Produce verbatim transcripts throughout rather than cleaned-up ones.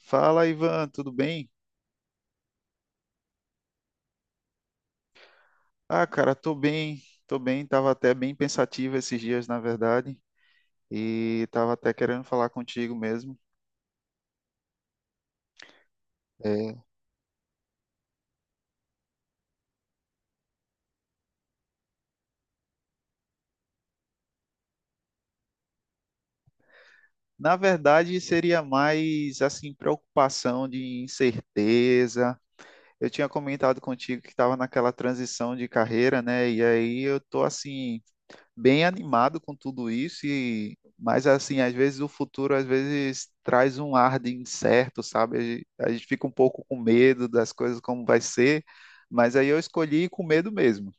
Fala, Ivan, tudo bem? Ah, cara, tô bem, tô bem, tava até bem pensativo esses dias, na verdade, e tava até querendo falar contigo mesmo. É, na verdade, seria mais, assim, preocupação de incerteza. Eu tinha comentado contigo que estava naquela transição de carreira, né? E aí eu tô assim, bem animado com tudo isso e mas assim, às vezes o futuro às vezes traz um ar de incerto, sabe? A gente, a gente fica um pouco com medo das coisas como vai ser, mas aí eu escolhi ir com medo mesmo.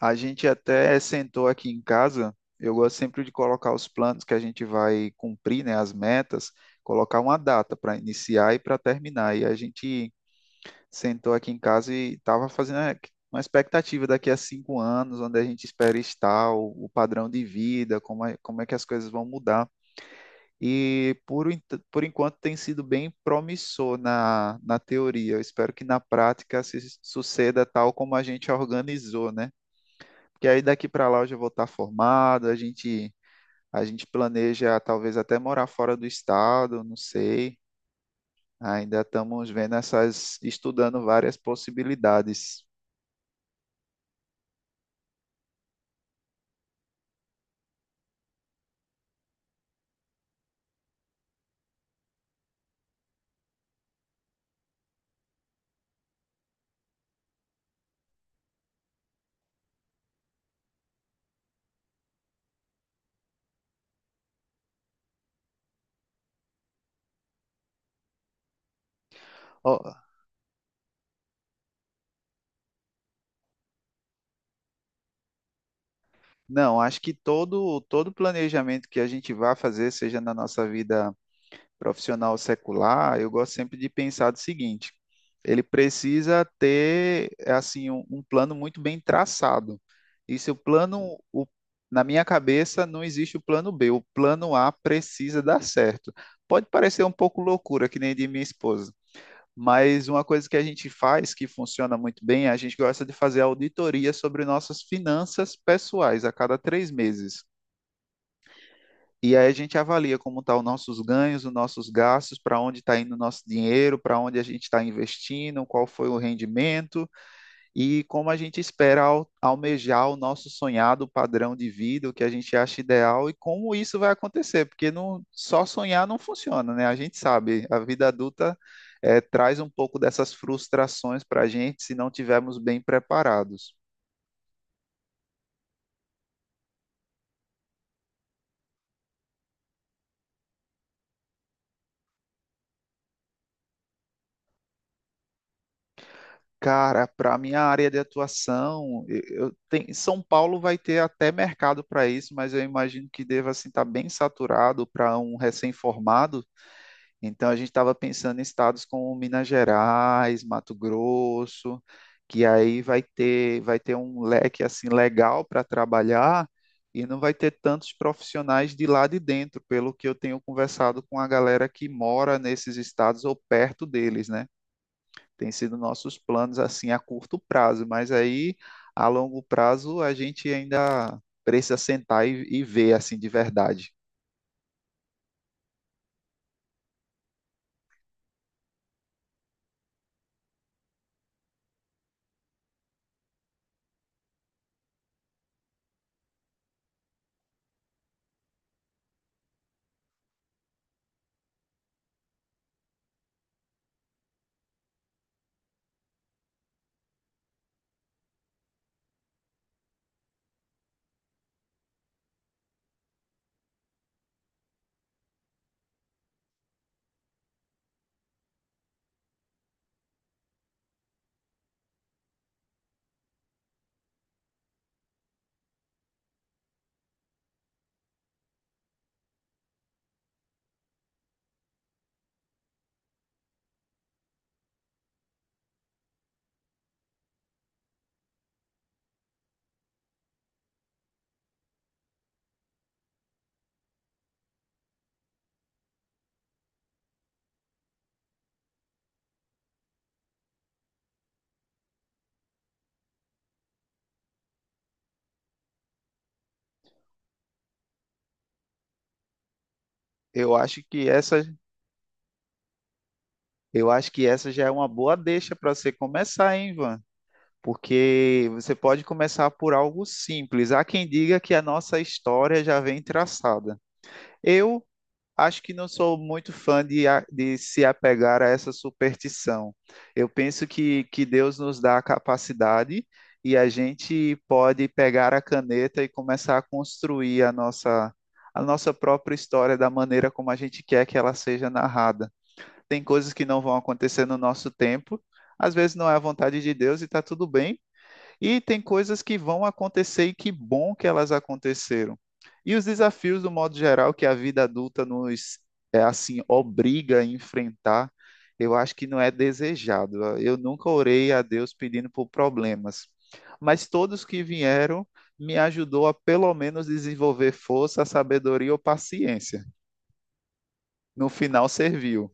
A gente até sentou aqui em casa, eu gosto sempre de colocar os planos que a gente vai cumprir, né, as metas, colocar uma data para iniciar e para terminar. E a gente sentou aqui em casa e estava fazendo a- uma expectativa daqui a cinco anos, onde a gente espera estar, o, o padrão de vida, como é, como é que as coisas vão mudar. E por, en- por enquanto tem sido bem promissor na, na teoria. Eu espero que na prática se suceda tal como a gente organizou, né? Porque aí daqui para lá eu já vou estar formado, a gente, a gente planeja talvez até morar fora do estado, não sei. Ainda estamos vendo essas, estudando várias possibilidades. Ó, não, acho que todo todo planejamento que a gente vá fazer, seja na nossa vida profissional ou secular, eu gosto sempre de pensar do seguinte: ele precisa ter assim um, um plano muito bem traçado. E se o plano, o- Na minha cabeça, não existe o plano B. O plano A precisa dar certo. Pode parecer um pouco loucura, que nem de minha esposa, mas uma coisa que a gente faz que funciona muito bem, a gente gosta de fazer auditoria sobre nossas finanças pessoais a cada três meses. E aí a gente avalia como estão os nossos ganhos, os nossos gastos, para onde está indo o nosso dinheiro, para onde a gente está investindo, qual foi o rendimento e como a gente espera al- almejar o nosso sonhado padrão de vida, o que a gente acha ideal e como isso vai acontecer, porque não, só sonhar não funciona, né? A gente sabe, a vida adulta eh, traz um pouco dessas frustrações para a gente se não tivermos bem preparados. Cara, para minha área de atuação, eu, eu tenho- São Paulo vai ter até mercado para isso, mas eu imagino que deva assim estar bem saturado para um recém-formado. Então a gente estava pensando em estados como Minas Gerais, Mato Grosso, que aí vai ter vai ter um leque assim legal para trabalhar e não vai ter tantos profissionais de lá de dentro, pelo que eu tenho conversado com a galera que mora nesses estados ou perto deles, né? Tem sido nossos planos assim a curto prazo, mas aí a longo prazo a gente ainda precisa sentar e, e ver assim de verdade. Eu acho que essa Eu acho que essa já é uma boa deixa para você começar, hein, Ivan? Porque você pode começar por algo simples. Há quem diga que a nossa história já vem traçada. Eu acho que não sou muito fã de, a- de se apegar a essa superstição. Eu penso que, que Deus nos dá a capacidade e a gente pode pegar a caneta e começar a construir a nossa, a nossa própria história da maneira como a gente quer que ela seja narrada. Tem coisas que não vão acontecer no nosso tempo. Às vezes não é a vontade de Deus e está tudo bem. E tem coisas que vão acontecer e que bom que elas aconteceram. E os desafios, do modo geral, que a vida adulta nos é assim obriga a enfrentar, eu acho que não é desejado. Eu nunca orei a Deus pedindo por problemas, mas todos que vieram me ajudou a pelo menos desenvolver força, sabedoria ou paciência. No final serviu.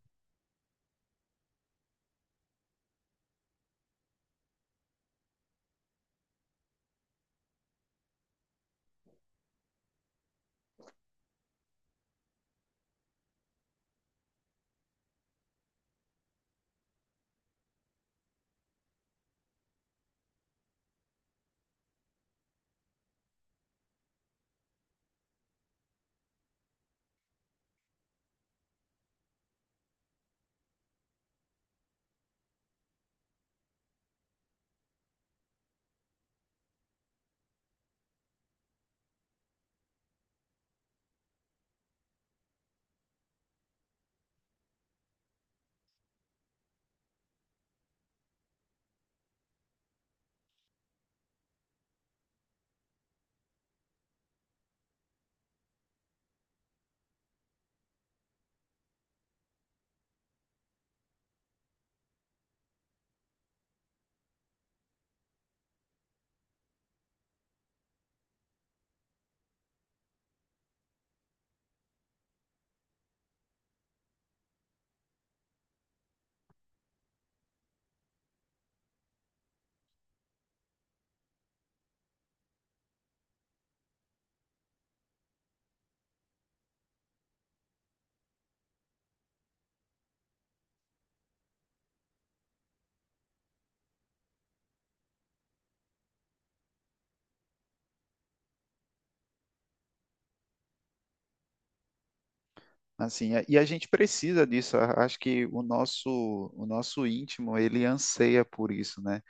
Assim, é- e a gente precisa disso. a- Acho que o nosso, o nosso íntimo, ele anseia por isso, né?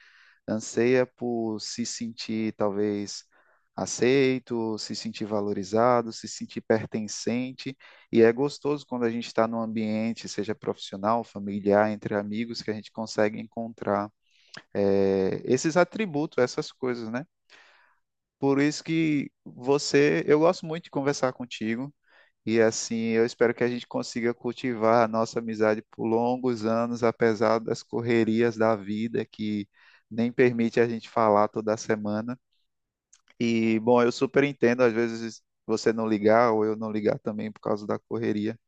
Anseia por se sentir talvez aceito, se sentir valorizado, se sentir pertencente. E é gostoso quando a gente está num ambiente, seja profissional, familiar, entre amigos, que a gente consegue encontrar eh, esses atributos, essas coisas, né? Por isso que você, eu gosto muito de conversar contigo. E assim, eu espero que a gente consiga cultivar a nossa amizade por longos anos, apesar das correrias da vida que nem permite a gente falar toda semana. E, bom, eu super entendo, às vezes você não ligar ou eu não ligar também por causa da correria.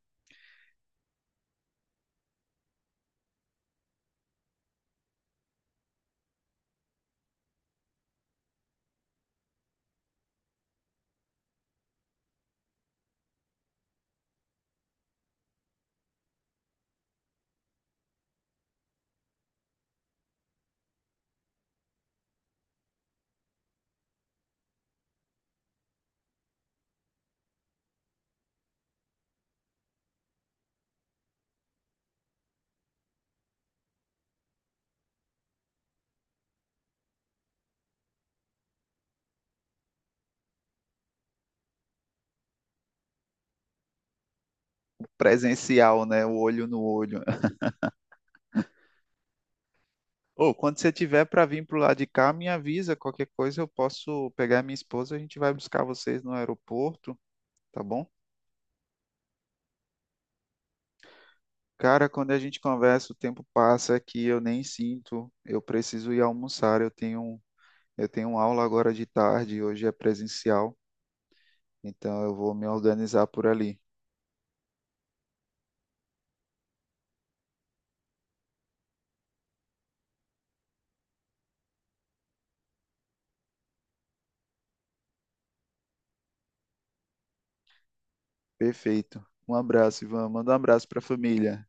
Presencial, né? O olho no olho. Ou quando você tiver para vir pro lado de cá, me avisa qualquer coisa, eu posso pegar minha esposa, a gente vai buscar vocês no aeroporto, tá bom? Cara, quando a gente conversa, o tempo passa que eu nem sinto. Eu preciso ir almoçar, eu tenho eu tenho aula agora de tarde, hoje é presencial, então eu vou me organizar por ali. Perfeito. Um abraço, Ivan. Manda um abraço para a família.